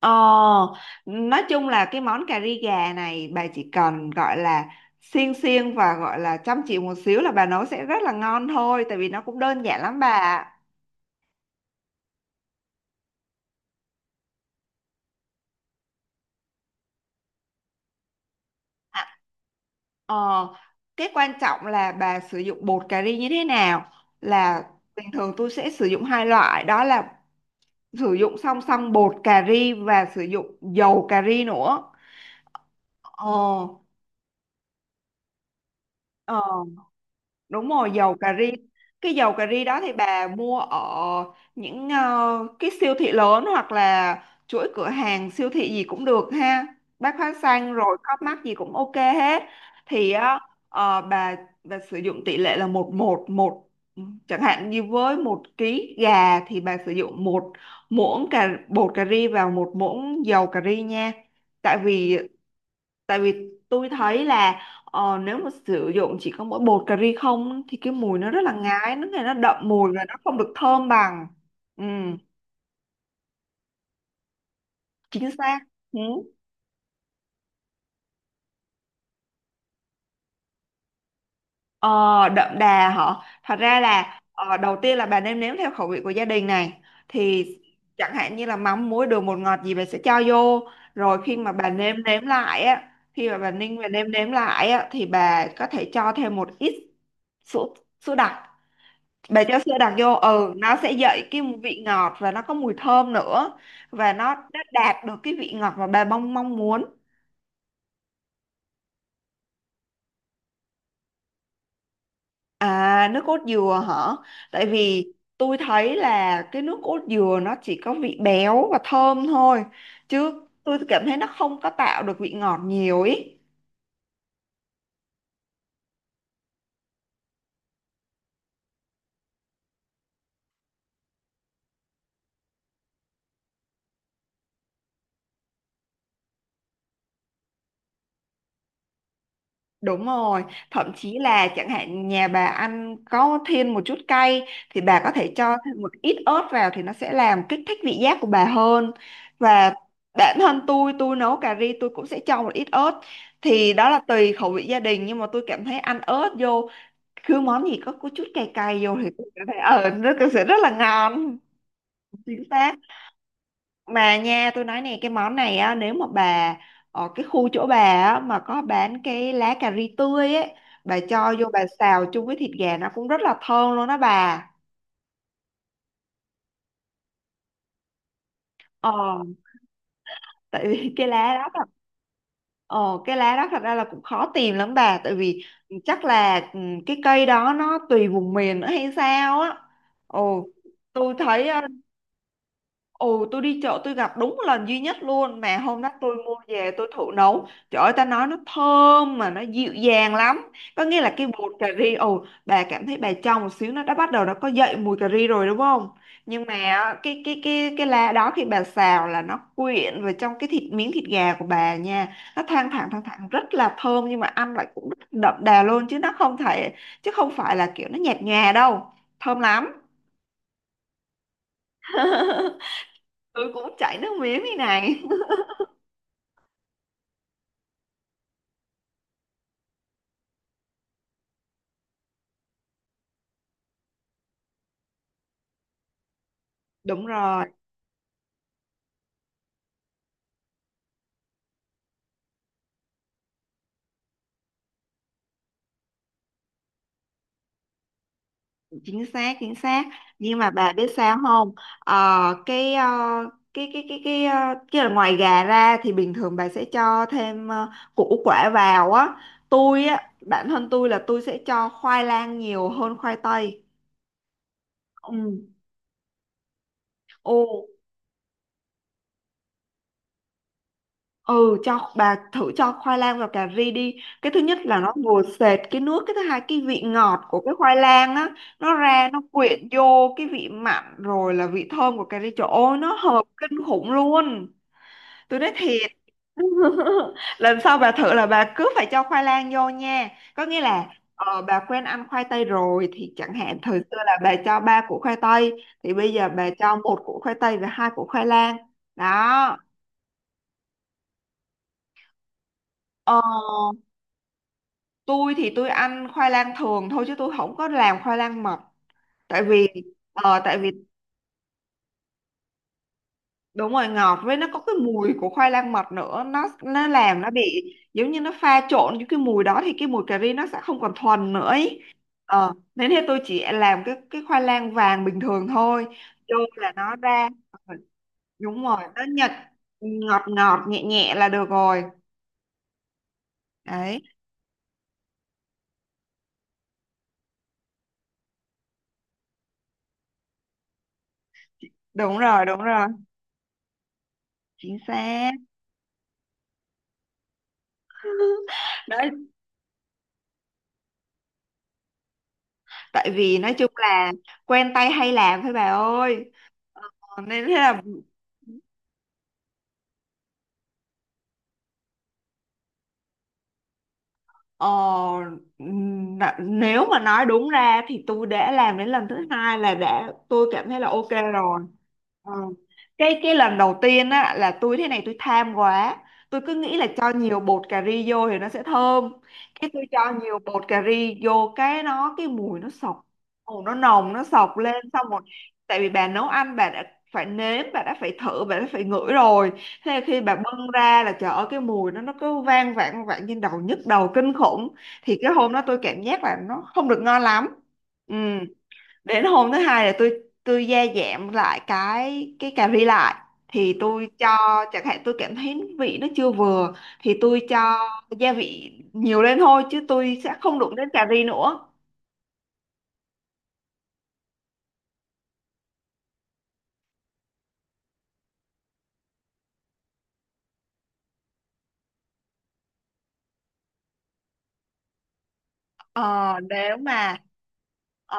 Ờ, nói chung là cái món cà ri gà này bà chỉ cần gọi là xiên xiên và gọi là chăm chỉ một xíu là bà nấu sẽ rất là ngon thôi, tại vì nó cũng đơn giản lắm bà ạ. À, ờ, cái quan trọng là bà sử dụng bột cà ri như thế nào. Là bình thường tôi sẽ sử dụng hai loại, đó là sử dụng song song bột cà ri và sử dụng dầu cà ri nữa. Ờ, ờ. Đúng rồi, dầu cà ri. Cái dầu cà ri đó thì bà mua ở những cái siêu thị lớn, hoặc là chuỗi cửa hàng siêu thị gì cũng được ha, bách hóa xanh rồi Co.op mắc gì cũng ok hết. Thì á, ờ, bà bà sử dụng tỷ lệ là một một một, chẳng hạn như với một ký gà thì bà sử dụng một muỗng cà bột cà ri vào một muỗng dầu cà ri nha. Tại vì tại vì tôi thấy là nếu mà sử dụng chỉ có mỗi bột cà ri không thì cái mùi nó rất là ngái, nó nghe nó đậm mùi và nó không được thơm bằng. Ừ, chính xác. Ừ. Ờ, Đậm đà hả? Thật ra là đầu tiên là bà nêm nếm theo khẩu vị của gia đình này, thì chẳng hạn như là mắm muối đường bột ngọt gì bà sẽ cho vô. Rồi khi mà bà nêm nếm lại á, khi mà bà ninh và nêm nếm lại á, thì bà có thể cho thêm một ít sữa, sữa đặc. Bà cho sữa đặc vô, ừ, nó sẽ dậy cái vị ngọt và nó có mùi thơm nữa, và nó đã đạt được cái vị ngọt mà bà mong mong muốn. À, nước cốt dừa hả? Tại vì tôi thấy là cái nước cốt dừa nó chỉ có vị béo và thơm thôi, chứ tôi cảm thấy nó không có tạo được vị ngọt nhiều ý. Đúng rồi, thậm chí là chẳng hạn nhà bà ăn có thêm một chút cay thì bà có thể cho thêm một ít ớt vào, thì nó sẽ làm kích thích vị giác của bà hơn. Và bản thân tôi nấu cà ri tôi cũng sẽ cho một ít ớt. Thì đó là tùy khẩu vị gia đình, nhưng mà tôi cảm thấy ăn ớt vô, cứ món gì có chút cay cay vô thì tôi cảm thấy ờ nó cũng sẽ rất là ngon. Chính xác. Mà nha tôi nói này, cái món này á, nếu mà bà ở cái khu chỗ bà á mà có bán cái lá cà ri tươi ấy, bà cho vô bà xào chung với thịt gà nó cũng rất là thơm luôn đó bà. ờ Tại vì cái lá đó là, Ờ, cái lá đó thật ra là cũng khó tìm lắm bà. Tại vì chắc là cái cây đó nó tùy vùng miền nữa hay sao á. ồ tôi thấy ồ, tôi đi chợ tôi gặp đúng lần duy nhất luôn. Mà hôm đó tôi mua về tôi thử nấu, trời ơi ta nói nó thơm mà nó dịu dàng lắm. Có nghĩa là cái bột cà ri, ồ, bà cảm thấy bà trong một xíu nó đã bắt đầu nó có dậy mùi cà ri rồi đúng không. Nhưng mà á, cái lá đó khi bà xào là nó quyện vào trong cái thịt, miếng thịt gà của bà nha, nó thoang thoảng rất là thơm, nhưng mà ăn lại cũng rất đậm đà luôn, chứ nó không thể, chứ không phải là kiểu nó nhạt nhòa đâu, thơm lắm. Tôi cũng chảy nước miếng như này. Đúng rồi, chính xác, chính xác. Nhưng mà bà biết sao không? Ờ, ờ, cái ờ, cái là ngoài gà ra thì bình thường bà sẽ cho thêm củ quả vào á. Tôi á, bản thân tôi là tôi sẽ cho khoai lang nhiều hơn khoai tây. Ừ. Ồ, ừ cho bà thử cho khoai lang vào cà ri đi. Cái thứ nhất là nó ngồi sệt cái nước, cái thứ hai cái vị ngọt của cái khoai lang á, nó ra nó quyện vô cái vị mặn rồi là vị thơm của cà ri, trời ơi nó hợp kinh khủng luôn. Tôi nói thiệt. Lần sau bà thử là bà cứ phải cho khoai lang vô nha. Có nghĩa là bà quen ăn khoai tây rồi thì chẳng hạn thời xưa là bà cho ba củ khoai tây, thì bây giờ bà cho một củ khoai tây và hai củ khoai lang đó. Ờ tôi thì tôi ăn khoai lang thường thôi chứ tôi không có làm khoai lang mật. Tại vì ờ, tại vì đúng rồi, ngọt với nó có cái mùi của khoai lang mật nữa, nó làm nó bị giống như nó pha trộn với cái mùi đó, thì cái mùi cà ri nó sẽ không còn thuần nữa ý. Ờ, thế nên thế tôi chỉ làm cái khoai lang vàng bình thường thôi, vô là nó ra. Đúng rồi, nó Nhật. Ngọt ngọt nhẹ nhẹ là được rồi. Đấy. Đúng rồi đúng rồi, chính xác. Đấy, tại vì nói chung là quen tay hay làm thôi bà ơi. Ờ, nên thế là, Ờ, n- nếu mà nói đúng ra thì tôi đã làm đến lần thứ hai là đã tôi cảm thấy là ok rồi. Ờ. Cái lần đầu tiên á là tôi thế này, tôi tham quá. Tôi cứ nghĩ là cho nhiều bột cà ri vô thì nó sẽ thơm. Cái tôi cho nhiều bột cà ri vô cái nó cái mùi nó sộc. Mùi nó nồng nó sộc lên xong rồi, tại vì bà nấu ăn bà đã phải nếm, bà đã phải thử, bà đã phải ngửi rồi. Thế là khi bà bưng ra là trời ơi cái mùi nó cứ vang vẳng vẳng trên đầu, nhức đầu kinh khủng. Thì cái hôm đó tôi cảm giác là nó không được ngon lắm. Ừ. Đến hôm thứ hai là tôi gia giảm lại cái cà ri lại, thì tôi cho, chẳng hạn tôi cảm thấy vị nó chưa vừa thì tôi cho gia vị nhiều lên thôi chứ tôi sẽ không đụng đến cà ri nữa. Ờ, nếu mà ờ,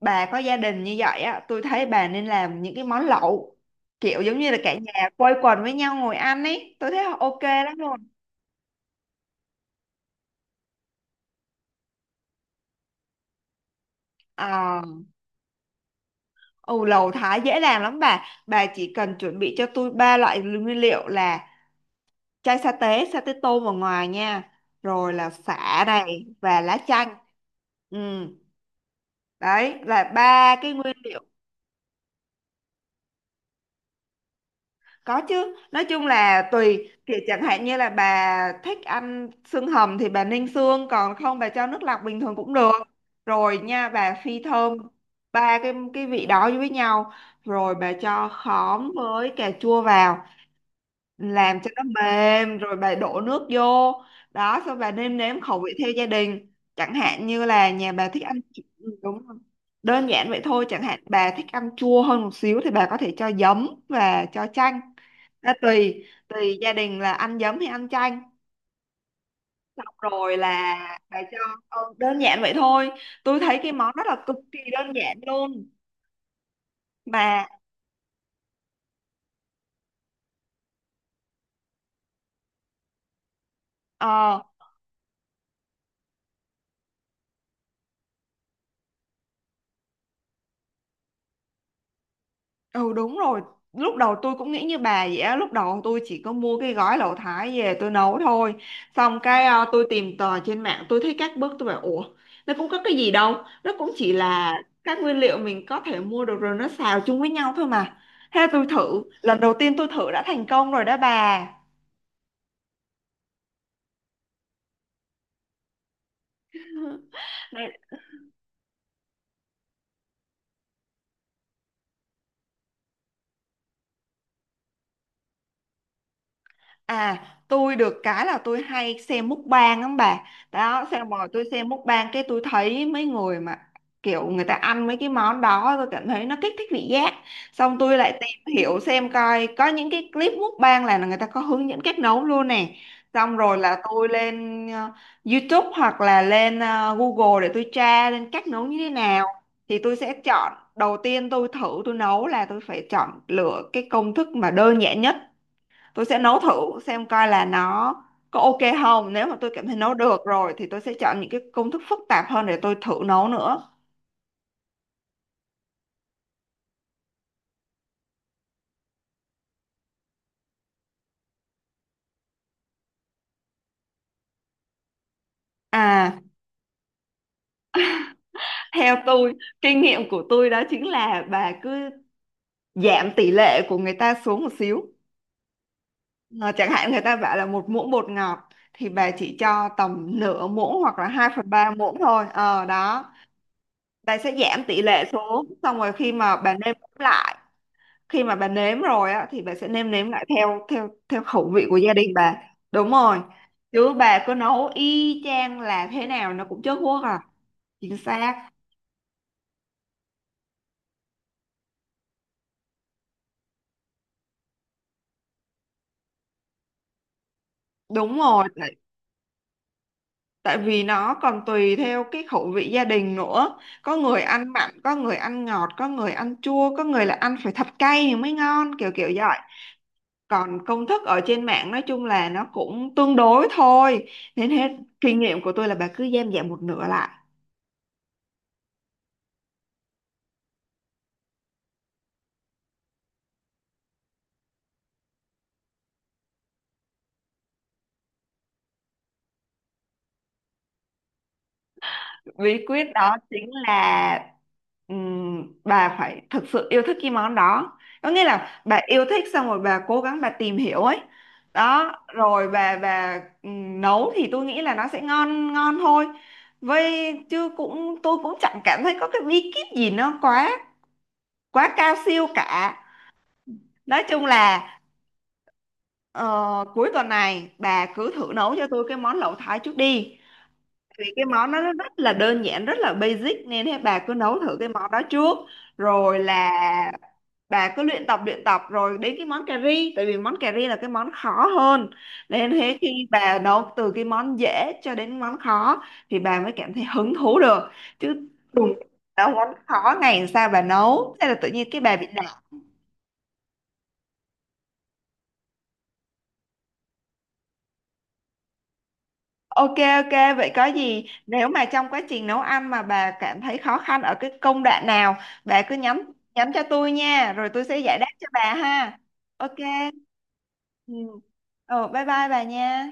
bà có gia đình như vậy á, tôi thấy bà nên làm những cái món lẩu, kiểu giống như là cả nhà quây quần với nhau ngồi ăn ấy, tôi thấy ok lắm luôn. Ờ, ừ, Lẩu Thái dễ làm lắm bà. Bà chỉ cần chuẩn bị cho tôi ba loại nguyên liệu, là chai sa tế tôm ở ngoài nha, rồi là sả này và lá chanh. Ừ, đấy là ba cái nguyên liệu. Có chứ, nói chung là tùy kiểu, chẳng hạn như là bà thích ăn xương hầm thì bà ninh xương, còn không bà cho nước lọc bình thường cũng được. Rồi nha, bà phi thơm ba cái vị đó với nhau, rồi bà cho khóm với cà chua vào làm cho nó mềm, rồi bà đổ nước vô đó. Xong bà nêm nếm khẩu vị theo gia đình, chẳng hạn như là nhà bà thích ăn ừ, đúng rồi. Đơn giản vậy thôi, chẳng hạn bà thích ăn chua hơn một xíu thì bà có thể cho giấm và cho chanh. Đó, tùy tùy gia đình là ăn giấm hay ăn chanh. Xong rồi là bà cho, ừ, đơn giản vậy thôi. Tôi thấy cái món rất là cực kỳ đơn giản luôn mà. ờ, Ừ đúng rồi. Lúc đầu tôi cũng nghĩ như bà vậy á. Lúc đầu tôi chỉ có mua cái gói lẩu Thái về tôi nấu thôi. Xong cái tôi tìm tòi trên mạng, tôi thấy các bước tôi bảo ủa nó cũng có cái gì đâu. Nó cũng chỉ là các nguyên liệu mình có thể mua được rồi, nó xào chung với nhau thôi mà. Thế tôi thử. Lần đầu tiên tôi thử đã thành công rồi đó bà. À, tôi được cái là tôi hay xem mukbang lắm bà. Đó, xem rồi tôi xem mukbang cái tôi thấy mấy người mà kiểu người ta ăn mấy cái món đó tôi cảm thấy nó kích thích vị giác. Xong tôi lại tìm hiểu xem coi có những cái clip mukbang là người ta có hướng dẫn cách nấu luôn nè. Xong rồi là tôi lên YouTube hoặc là lên Google để tôi tra lên cách nấu như thế nào. Thì tôi sẽ chọn, đầu tiên tôi thử tôi nấu là tôi phải chọn lựa cái công thức mà đơn giản nhất, tôi sẽ nấu thử xem coi là nó có ok không. Nếu mà tôi cảm thấy nấu được rồi thì tôi sẽ chọn những cái công thức phức tạp hơn để tôi thử nấu nữa. À, theo tôi, kinh nghiệm của tôi đó chính là bà cứ giảm tỷ lệ của người ta xuống một xíu. Ờ, chẳng hạn người ta bảo là một muỗng bột ngọt, thì bà chỉ cho tầm nửa muỗng hoặc là 2 phần 3 muỗng thôi, ờ đó. Bà sẽ giảm tỷ lệ xuống, xong rồi khi mà bà nêm lại, khi mà bà nếm rồi á thì bà sẽ nêm nếm lại theo theo theo khẩu vị của gia đình bà. Đúng rồi, chứ bà cứ nấu y chang là thế nào nó cũng chớt guốc à. Chính xác. Đúng rồi, tại vì nó còn tùy theo cái khẩu vị gia đình nữa, có người ăn mặn có người ăn ngọt có người ăn chua có người là ăn phải thật cay thì mới ngon, kiểu kiểu vậy. Còn công thức ở trên mạng nói chung là nó cũng tương đối thôi, nên hết. Kinh nghiệm của tôi là bà cứ giảm giảm một nửa lại. Bí quyết đó chính là, bà phải thực sự yêu thích cái món đó, có nghĩa là bà yêu thích xong rồi bà cố gắng bà tìm hiểu ấy. Đó rồi bà nấu thì tôi nghĩ là nó sẽ ngon ngon thôi. Vậy chứ cũng tôi cũng chẳng cảm thấy có cái bí kíp gì nó quá quá cao siêu cả. Nói chung là ờ, cuối tuần này bà cứ thử nấu cho tôi cái món lẩu Thái trước đi, vì cái món nó rất là đơn giản rất là basic, nên thế bà cứ nấu thử cái món đó trước. Rồi là bà cứ luyện tập rồi đến cái món cà ri, tại vì món cà ri là cái món khó hơn, nên thế khi bà nấu từ cái món dễ cho đến món khó thì bà mới cảm thấy hứng thú được. Chứ đùng nấu món khó ngày, làm sao bà nấu, thế là tự nhiên cái bà bị. Ok ok, vậy có gì nếu mà trong quá trình nấu ăn mà bà cảm thấy khó khăn ở cái công đoạn nào, bà cứ nhắn nhắn cho tôi nha, rồi tôi sẽ giải đáp cho bà ha. Ok. Ừ. Ờ, bye bye bà nha.